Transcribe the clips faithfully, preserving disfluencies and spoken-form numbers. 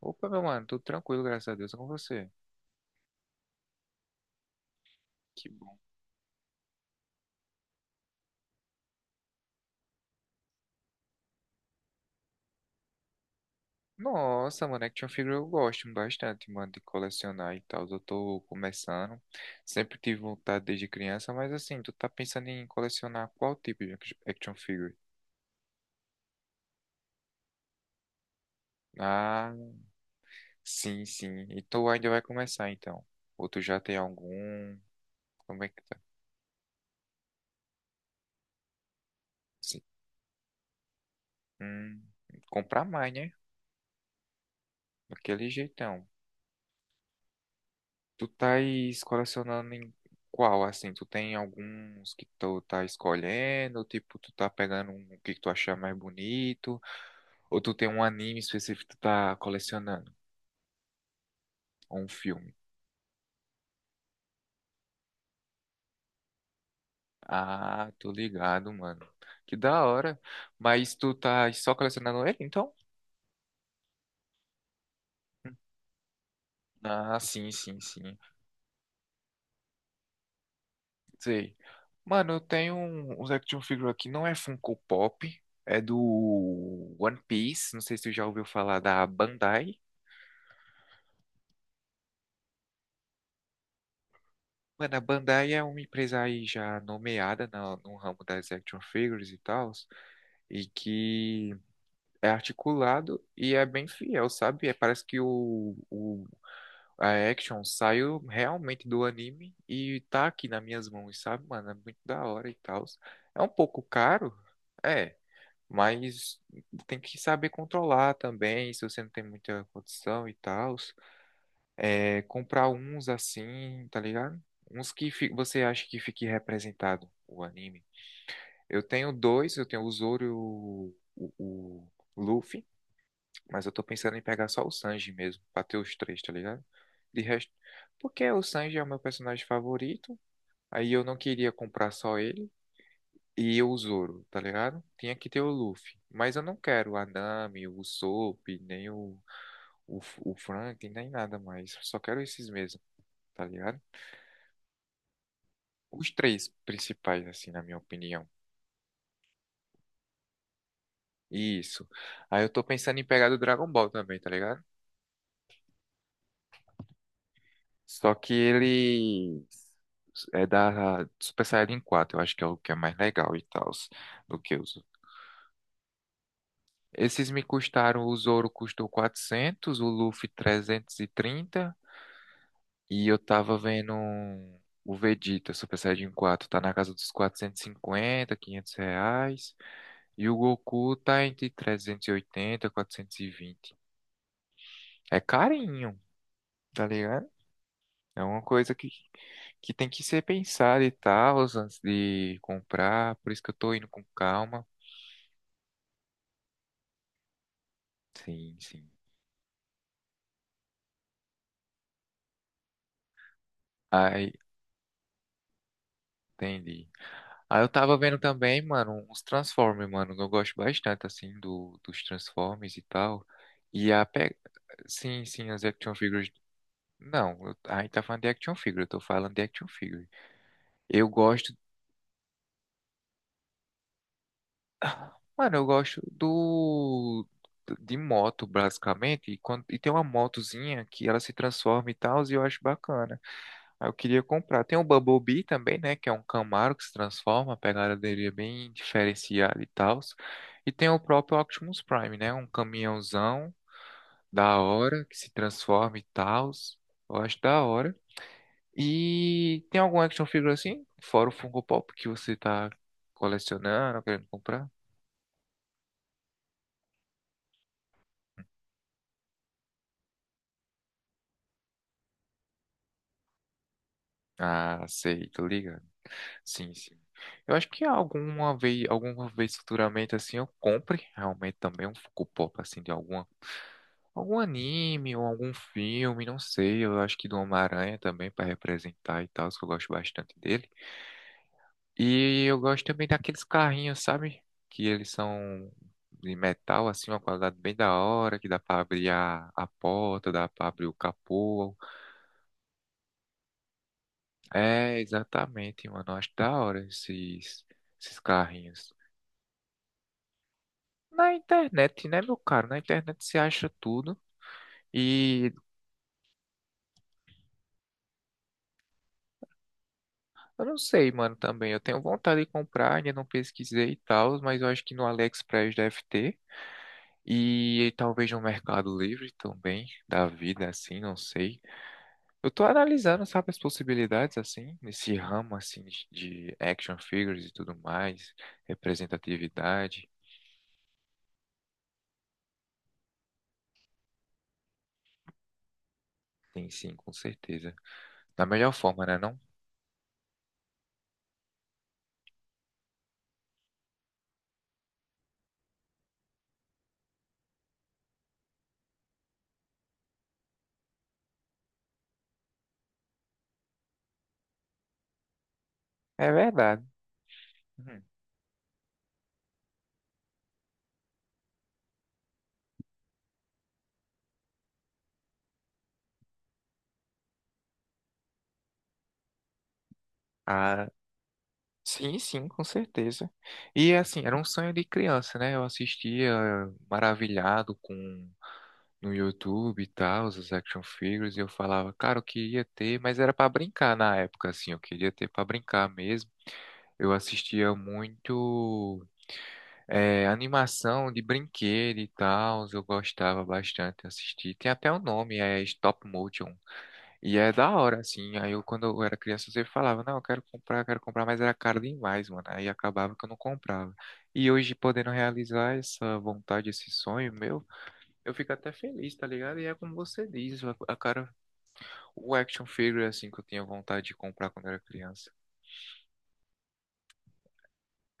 Opa, meu mano, tudo tranquilo, graças a Deus, é com você. Que bom. Nossa, mano, action figure eu gosto bastante, mano, de colecionar e tal. Eu tô começando. Sempre tive vontade desde criança, mas assim, tu tá pensando em colecionar qual tipo de act- action figure? Ah, sim, sim. E tu ainda vai começar, então. Ou tu já tem algum? Como é que tá? Sim. Hum, comprar mais, né? Daquele jeitão. Tu tá colecionando em qual, assim? Tu tem alguns que tu tá escolhendo, tipo, tu tá pegando um que tu achar mais bonito, ou tu tem um anime específico que tu tá colecionando, ou um filme. Ah, tô ligado, mano. Que da hora. Mas tu tá só colecionando ele, então? Ah, sim, sim, sim. Sei. Mano, eu tenho um- uns action figure aqui, não é Funko Pop, é do One Piece, não sei se tu já ouviu falar da Bandai. Mano, a Bandai é uma empresa aí já nomeada na- no ramo das action figures e tal, e que é articulado e é bem fiel, sabe? É, parece que o, o- a action saiu realmente do anime e tá aqui nas minhas mãos, sabe, mano? É muito da hora e tal. É um pouco caro, é, mas tem que saber controlar também, se você não tem muita condição e tal. É, comprar uns assim, tá ligado? Uns que fi- você acha que fique representado o anime. Eu tenho dois, eu tenho o Zoro e o, o, o Luffy, mas eu tô pensando em pegar só o Sanji mesmo, pra ter os três, tá ligado? De resto, porque o Sanji é o meu personagem favorito, aí eu não queria comprar só ele e o Zoro, tá ligado? Tinha que ter o Luffy, mas eu não quero o Anami, o Usopp, nem o, o, o Frank, nem nada mais, só quero esses mesmo, tá ligado? Os três principais, assim, na minha opinião. Isso. Aí eu tô pensando em pegar do Dragon Ball também, tá ligado? Só que ele é da Super Saiyajin quatro, eu acho que é o que é mais legal e tal, do que os. Esses me custaram, o Zoro custou quatrocentos, o Luffy trezentos e trinta, e eu tava vendo um- o Vegeta Super Saiyajin quatro, tá na casa dos quatrocentos e cinquenta, quinhentos reais, e o Goku tá entre trezentos e oitenta e quatrocentos e vinte. É carinho, tá ligado? É uma coisa que, que tem que ser pensada e tal, antes de comprar. Por isso que eu tô indo com calma. Sim, sim. Aí, entendi. Aí eu tava vendo também, mano, uns Transformers, mano. Eu gosto bastante, assim, do, dos Transformers e tal. E a pe... Sim, sim, as action figures. Não, eu... aí tá falando de action figure, eu tô falando de action figure. Eu gosto Mano, eu gosto do de moto, basicamente, e, quando- e tem uma motozinha que ela se transforma e tal, e eu acho bacana. Aí eu queria comprar. Tem o Bumblebee também, né, que é um Camaro que se transforma, a pegada dele é bem diferenciada e tal. E tem o próprio Optimus Prime, né, um caminhãozão da hora que se transforma e tal. Eu acho da hora. E tem algum action figure assim, fora o Funko Pop que você tá colecionando, querendo comprar? Ah, sei, tu liga. Sim, sim. Eu acho que alguma vez, alguma vez futuramente assim eu compre realmente também um Funko Pop assim de alguma algum anime ou algum filme, não sei. Eu acho que do Homem-Aranha também para representar e tal, que eu gosto bastante dele. E eu gosto também daqueles carrinhos, sabe? Que eles são de metal assim, uma qualidade bem da hora, que dá para abrir a, a porta, dá para abrir o capô. É, exatamente, mano. Eu acho da hora esses esses carrinhos. Na internet, né, meu caro? Na internet você acha tudo. E eu não sei, mano, também. Eu tenho vontade de comprar, ainda não pesquisei e tal, mas eu acho que no AliExpress deve ter. E talvez no Mercado Livre também, da vida, assim, não sei. Eu tô analisando, sabe, as possibilidades, assim, nesse ramo, assim, de de action figures e tudo mais, representatividade. Tem sim, com certeza. Da melhor forma, né, não? É verdade. Uhum. Sim, sim, com certeza. E assim, era um sonho de criança, né? Eu assistia maravilhado com no YouTube e tal, os action figures, e eu falava, cara, eu queria ter, mas era pra brincar na época, assim, eu queria ter pra brincar mesmo. Eu assistia muito eh, animação de brinquedo e tal, eu gostava bastante de assistir. Tem até o nome, é Stop Motion. E é da hora, assim. Aí eu, quando eu era criança, eu sempre falava, não, eu quero comprar, eu quero comprar, mas era caro demais, mano. Aí acabava que eu não comprava. E hoje, podendo realizar essa vontade, esse sonho meu, eu fico até feliz, tá ligado? E é como você diz, a, a cara, o action figure, assim, que eu tinha vontade de comprar quando eu era criança.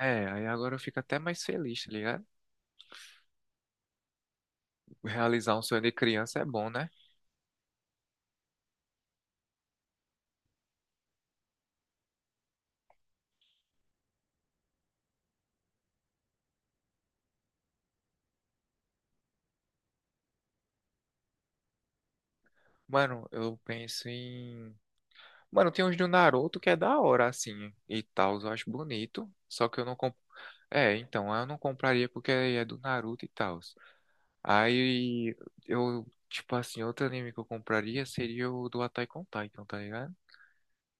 É, aí agora eu fico até mais feliz, tá ligado? Realizar um sonho de criança é bom, né? Mano, eu penso em Mano, tem uns do Naruto que é da hora, assim, e tal, eu acho bonito. Só que eu não comp... É, então, eu não compraria porque é do Naruto e tal. Aí eu, tipo assim, outro anime que eu compraria seria o do Attack on Titan, tá ligado?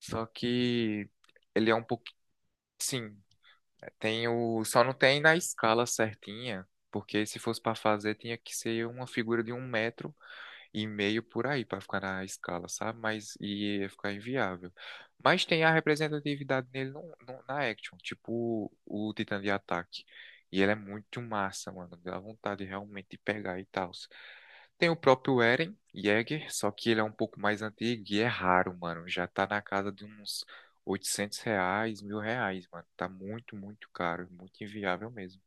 Só que ele é um pouco, sim, tem o, só não tem na escala certinha, porque se fosse pra fazer tinha que ser uma figura de um metro e meio por aí para ficar na escala, sabe? Mas e ia ficar inviável. Mas tem a representatividade nele no- no- na action, tipo o, o Titã de Ataque. E ele é muito massa, mano. Dá vontade realmente de pegar e tal. Tem o próprio Eren Yeager, só que ele é um pouco mais antigo e é raro, mano. Já tá na casa de uns oitocentos reais, mil reais, mano. Tá muito, muito caro, muito inviável mesmo.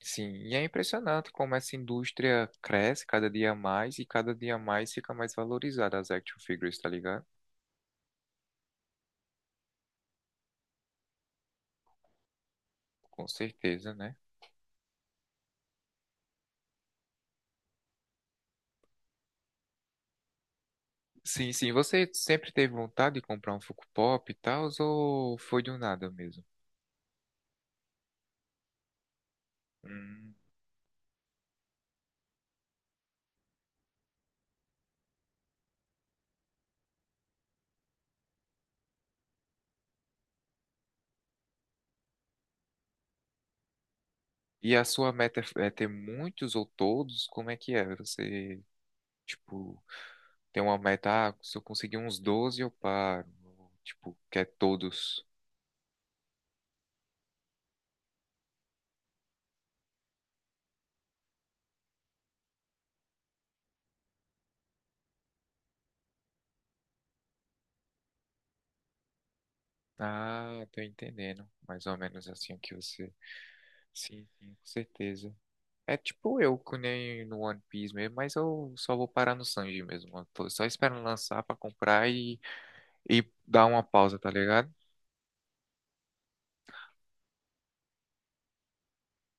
Sim, e é impressionante como essa indústria cresce cada dia mais e cada dia mais fica mais valorizada as action figures, tá ligado? Com certeza, né? Sim, sim. Você sempre teve vontade de comprar um Funko Pop e tal, ou foi do nada mesmo? Hum. E a sua meta é ter muitos ou todos? Como é que é? Você, tipo, tem uma meta, ah, se eu conseguir uns doze eu paro. Ou, Tipo, quer todos? Ah, tô entendendo. Mais ou menos assim o que você. Sim, sim, com certeza. É tipo eu, que nem no One Piece mesmo, mas eu só vou parar no Sanji mesmo. Eu tô só esperando lançar pra comprar e, e dar uma pausa, tá ligado?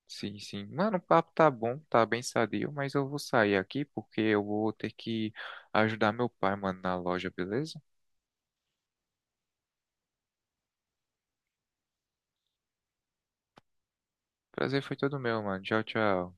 Sim, sim. Mano, o papo tá bom, tá bem sadio, mas eu vou sair aqui porque eu vou ter que ajudar meu pai, mano, na loja, beleza? Prazer foi todo meu, mano. Tchau, tchau.